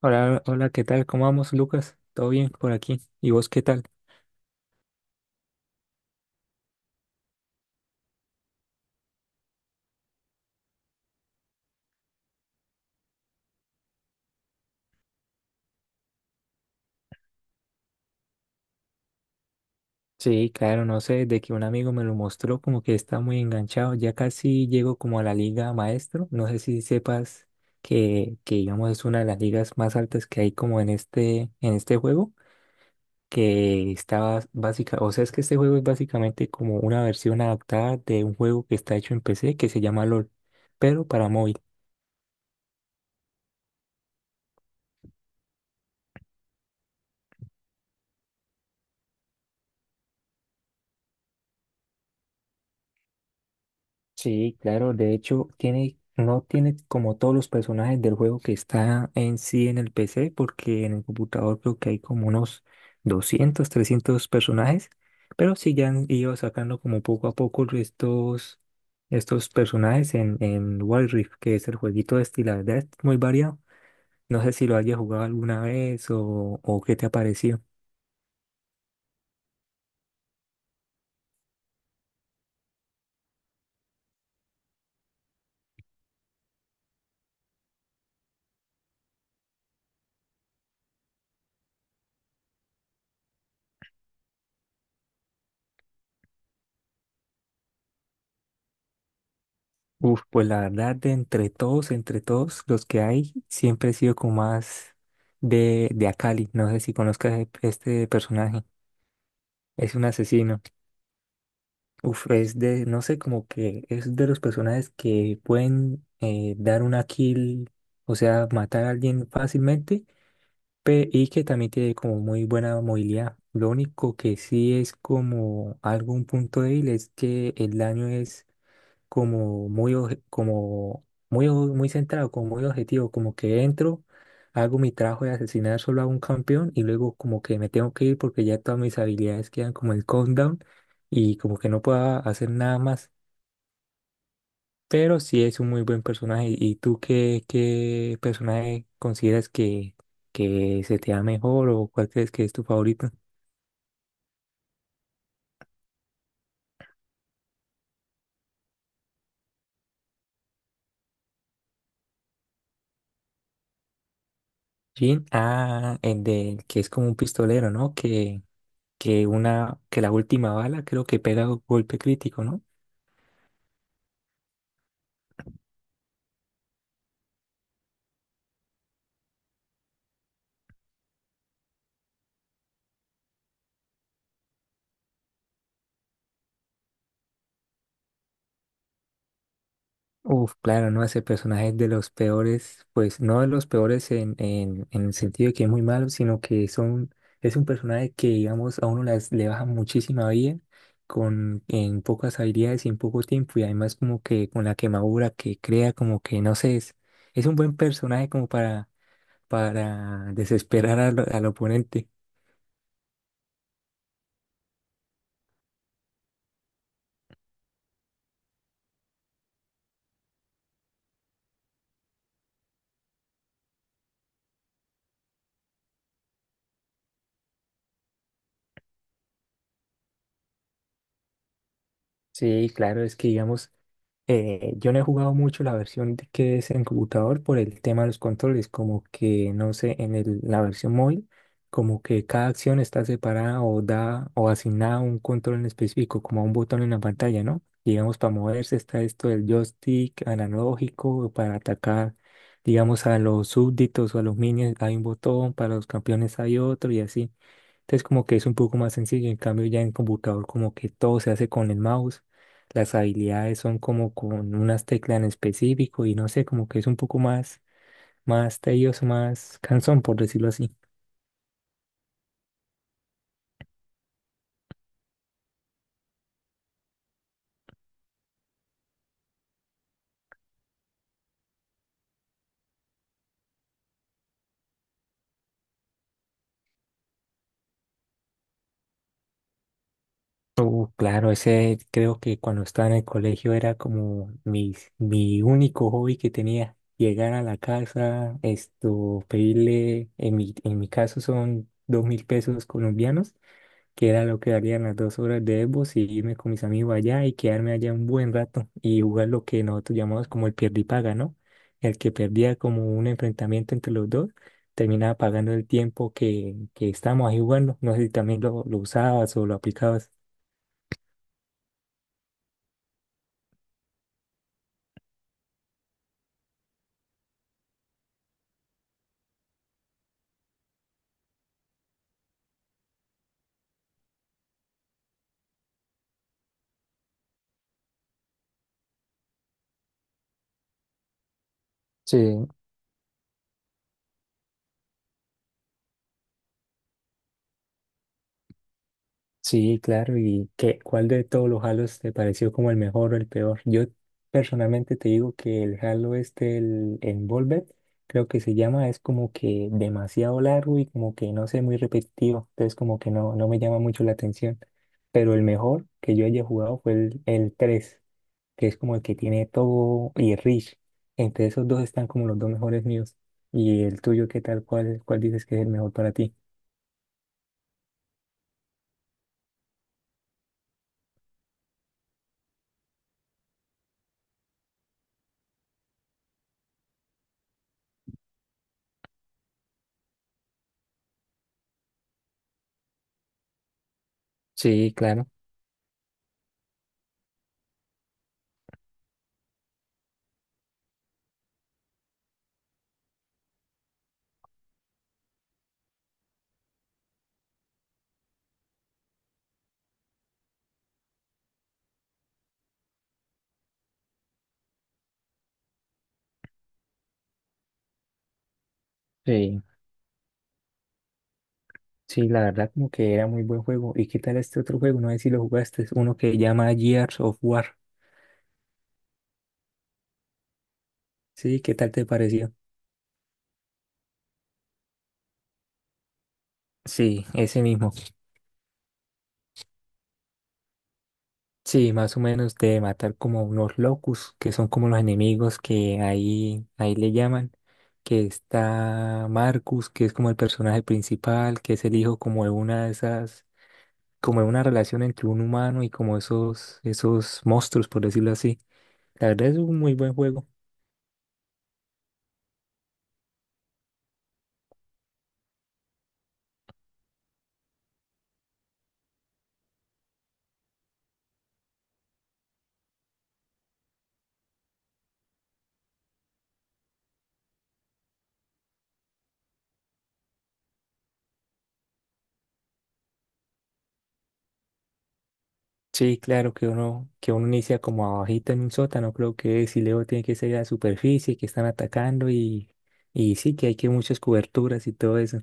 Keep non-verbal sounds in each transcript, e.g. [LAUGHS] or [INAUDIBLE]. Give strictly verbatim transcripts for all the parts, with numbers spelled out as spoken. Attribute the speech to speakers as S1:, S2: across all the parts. S1: Hola, hola, ¿qué tal? ¿Cómo vamos, Lucas? ¿Todo bien por aquí? ¿Y vos qué tal? Sí, claro, no sé, de que un amigo me lo mostró, como que está muy enganchado, ya casi llego como a la liga maestro, no sé si sepas que, que digamos es una de las ligas más altas que hay como en este, en este juego, que está bas- básica, o sea, es que este juego es básicamente como una versión adaptada de un juego que está hecho en P C que se llama L O L, pero para móvil. Sí, claro, de hecho tiene, no tiene como todos los personajes del juego que está en sí en el P C, porque en el computador creo que hay como unos doscientos, trescientos personajes, pero sí ya han ido sacando como poco a poco estos, estos personajes en, en Wild Rift, que es el jueguito este, y la verdad es muy variado. No sé si lo hayas jugado alguna vez o, o qué te ha parecido. Uf, pues la verdad, de entre todos, entre todos los que hay, siempre he sido como más de, de Akali. No sé si conozcas e- este personaje. Es un asesino. Uf, es de, no sé, como que es de los personajes que pueden eh, dar una kill, o sea, matar a alguien fácilmente, pe- y que también tiene como muy buena movilidad. Lo único que sí es como algún punto débil es que el daño es como muy, oje- como muy, o- muy centrado, como muy objetivo, como que entro, hago mi trabajo de asesinar solo a un campeón y luego como que me tengo que ir porque ya todas mis habilidades quedan como el countdown y como que no puedo hacer nada más. Pero sí es un muy buen personaje. ¿Y tú qué, qué personaje consideras que, que se te da mejor o cuál crees que es tu favorito? Jin, ah, el del que es como un pistolero, ¿no? Que, que una, que la última bala creo que pega golpe crítico, ¿no? Uf, claro, no, ese personaje es de los peores, pues no de los peores en, en, en el sentido de que es muy malo, sino que son, es un personaje que, digamos, a uno las, le baja muchísima vida con, en pocas habilidades y en poco tiempo, y además como que con la quemadura que crea, como que, no sé, es, es un buen personaje como para, para desesperar al, al oponente. Sí, claro, es que digamos... Eh, yo no he jugado mucho la versión de- que es en computador por el tema de los controles, como que, no sé, en el- la versión móvil, como que cada acción está separada o da o asignada a un control en específico, como a un botón en la pantalla, ¿no? Digamos, para moverse está esto del joystick analógico, para atacar, digamos, a los súbditos o a los minions hay un botón, para los campeones hay otro y así. Entonces como que es un poco más sencillo, en cambio ya en computador como que todo se hace con el mouse, las habilidades son como con unas teclas en específico y no sé, como que es un poco más, más tedioso, más cansón, por decirlo así. Uh, claro, ese creo que cuando estaba en el colegio era como mi, mi único hobby que tenía. Llegar a la casa, esto, pedirle, en mi, en mi caso son dos mil pesos colombianos que era lo que darían las dos horas de X box y irme con mis amigos allá y quedarme allá un buen rato y jugar lo que nosotros llamamos como el pierde y paga, ¿no? El que perdía como un enfrentamiento entre los dos, terminaba pagando el tiempo que, que estábamos ahí jugando. No sé si también lo, lo usabas o lo aplicabas. Sí. Sí, claro. ¿Y qué, cuál de todos los Halos te pareció como el mejor o el peor? Yo personalmente te digo que el Halo este, el Envolver, creo que se llama, es como que demasiado largo y como que no sé, muy repetitivo. Entonces como que no, no me llama mucho la atención. Pero el mejor que yo haya jugado fue el, el tres, que es como el que tiene todo, y Rich. Entre esos dos están como los dos mejores míos. ¿Y el tuyo qué tal? ¿Cuál, cuál dices que es el mejor para ti? Sí, claro. Sí. Sí, la verdad como que era muy buen juego. ¿Y qué tal este otro juego? No sé si lo jugaste, es uno que llama Gears of War. Sí, ¿qué tal te pareció? Sí, ese mismo. Sí, más o menos de matar como unos locus, que son como los enemigos que ahí, ahí le llaman, que está Marcus, que es como el personaje principal, que es el hijo como de una de esas, como de una relación entre un humano y como esos, esos monstruos, por decirlo así. La verdad es un muy buen juego. Sí, claro que uno, que uno inicia como abajito en un sótano, creo que si luego tiene que salir a la superficie, que están atacando y, y sí, que hay que muchas coberturas y todo eso.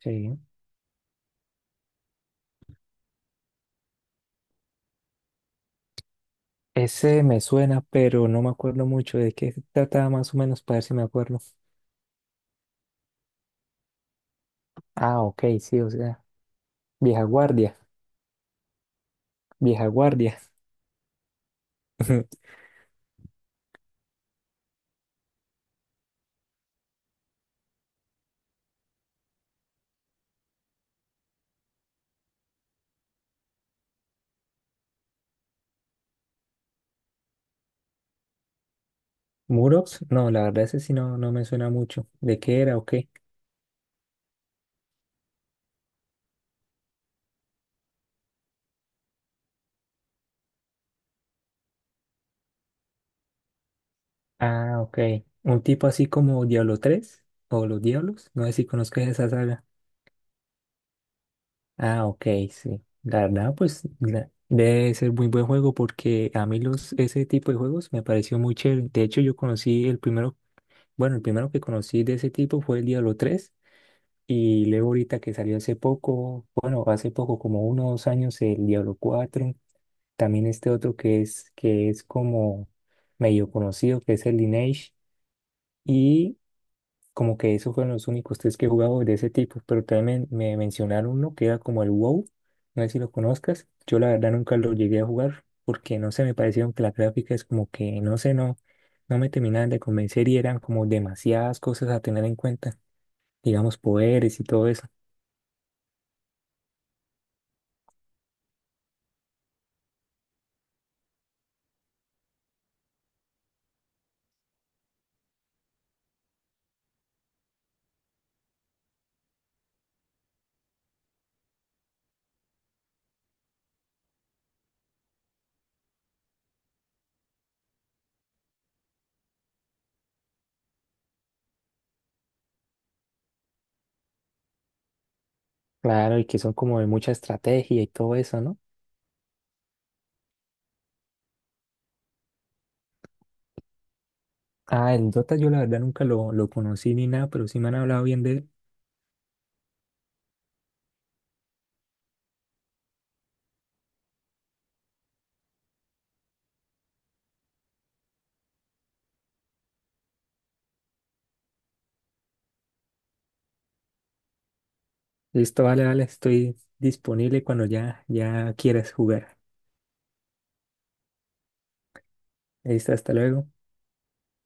S1: Sí. Ese me suena, pero no me acuerdo mucho de qué se trataba más o menos para ver si me acuerdo. Ah, ok, sí, o sea, vieja guardia, vieja guardia. [LAUGHS] ¿Murox? No, la verdad ese sí no, no me suena mucho. ¿De qué era o qué? Ah, ok. Un tipo así como Diablo tres o los Diablos, no sé si conozcas esa saga. Ah, ok, sí. La verdad, pues la- debe ser muy buen juego porque a mí los, ese tipo de juegos me pareció muy chévere. De hecho, yo conocí el primero, bueno, el primero que conocí de ese tipo fue el Diablo tres y luego ahorita que salió hace poco, bueno, hace poco, como uno o dos años, el Diablo cuatro. También este otro que es, que es como medio conocido, que es el Lineage. Como que esos fueron los únicos tres que he jugado de ese tipo, pero también me, me mencionaron uno que era como el WoW, no sé si lo conozcas, yo la verdad nunca lo llegué a jugar porque no sé, me parecieron que las gráficas como que, no sé, no, no me terminaban de convencer y eran como demasiadas cosas a tener en cuenta, digamos poderes y todo eso. Claro, y que son como de mucha estrategia y todo eso, ¿no? Ah, el Dota yo la verdad nunca lo, lo conocí ni nada, pero sí me han hablado bien de él. Listo, vale, vale, estoy disponible cuando ya, ya quieras jugar. Listo, hasta luego.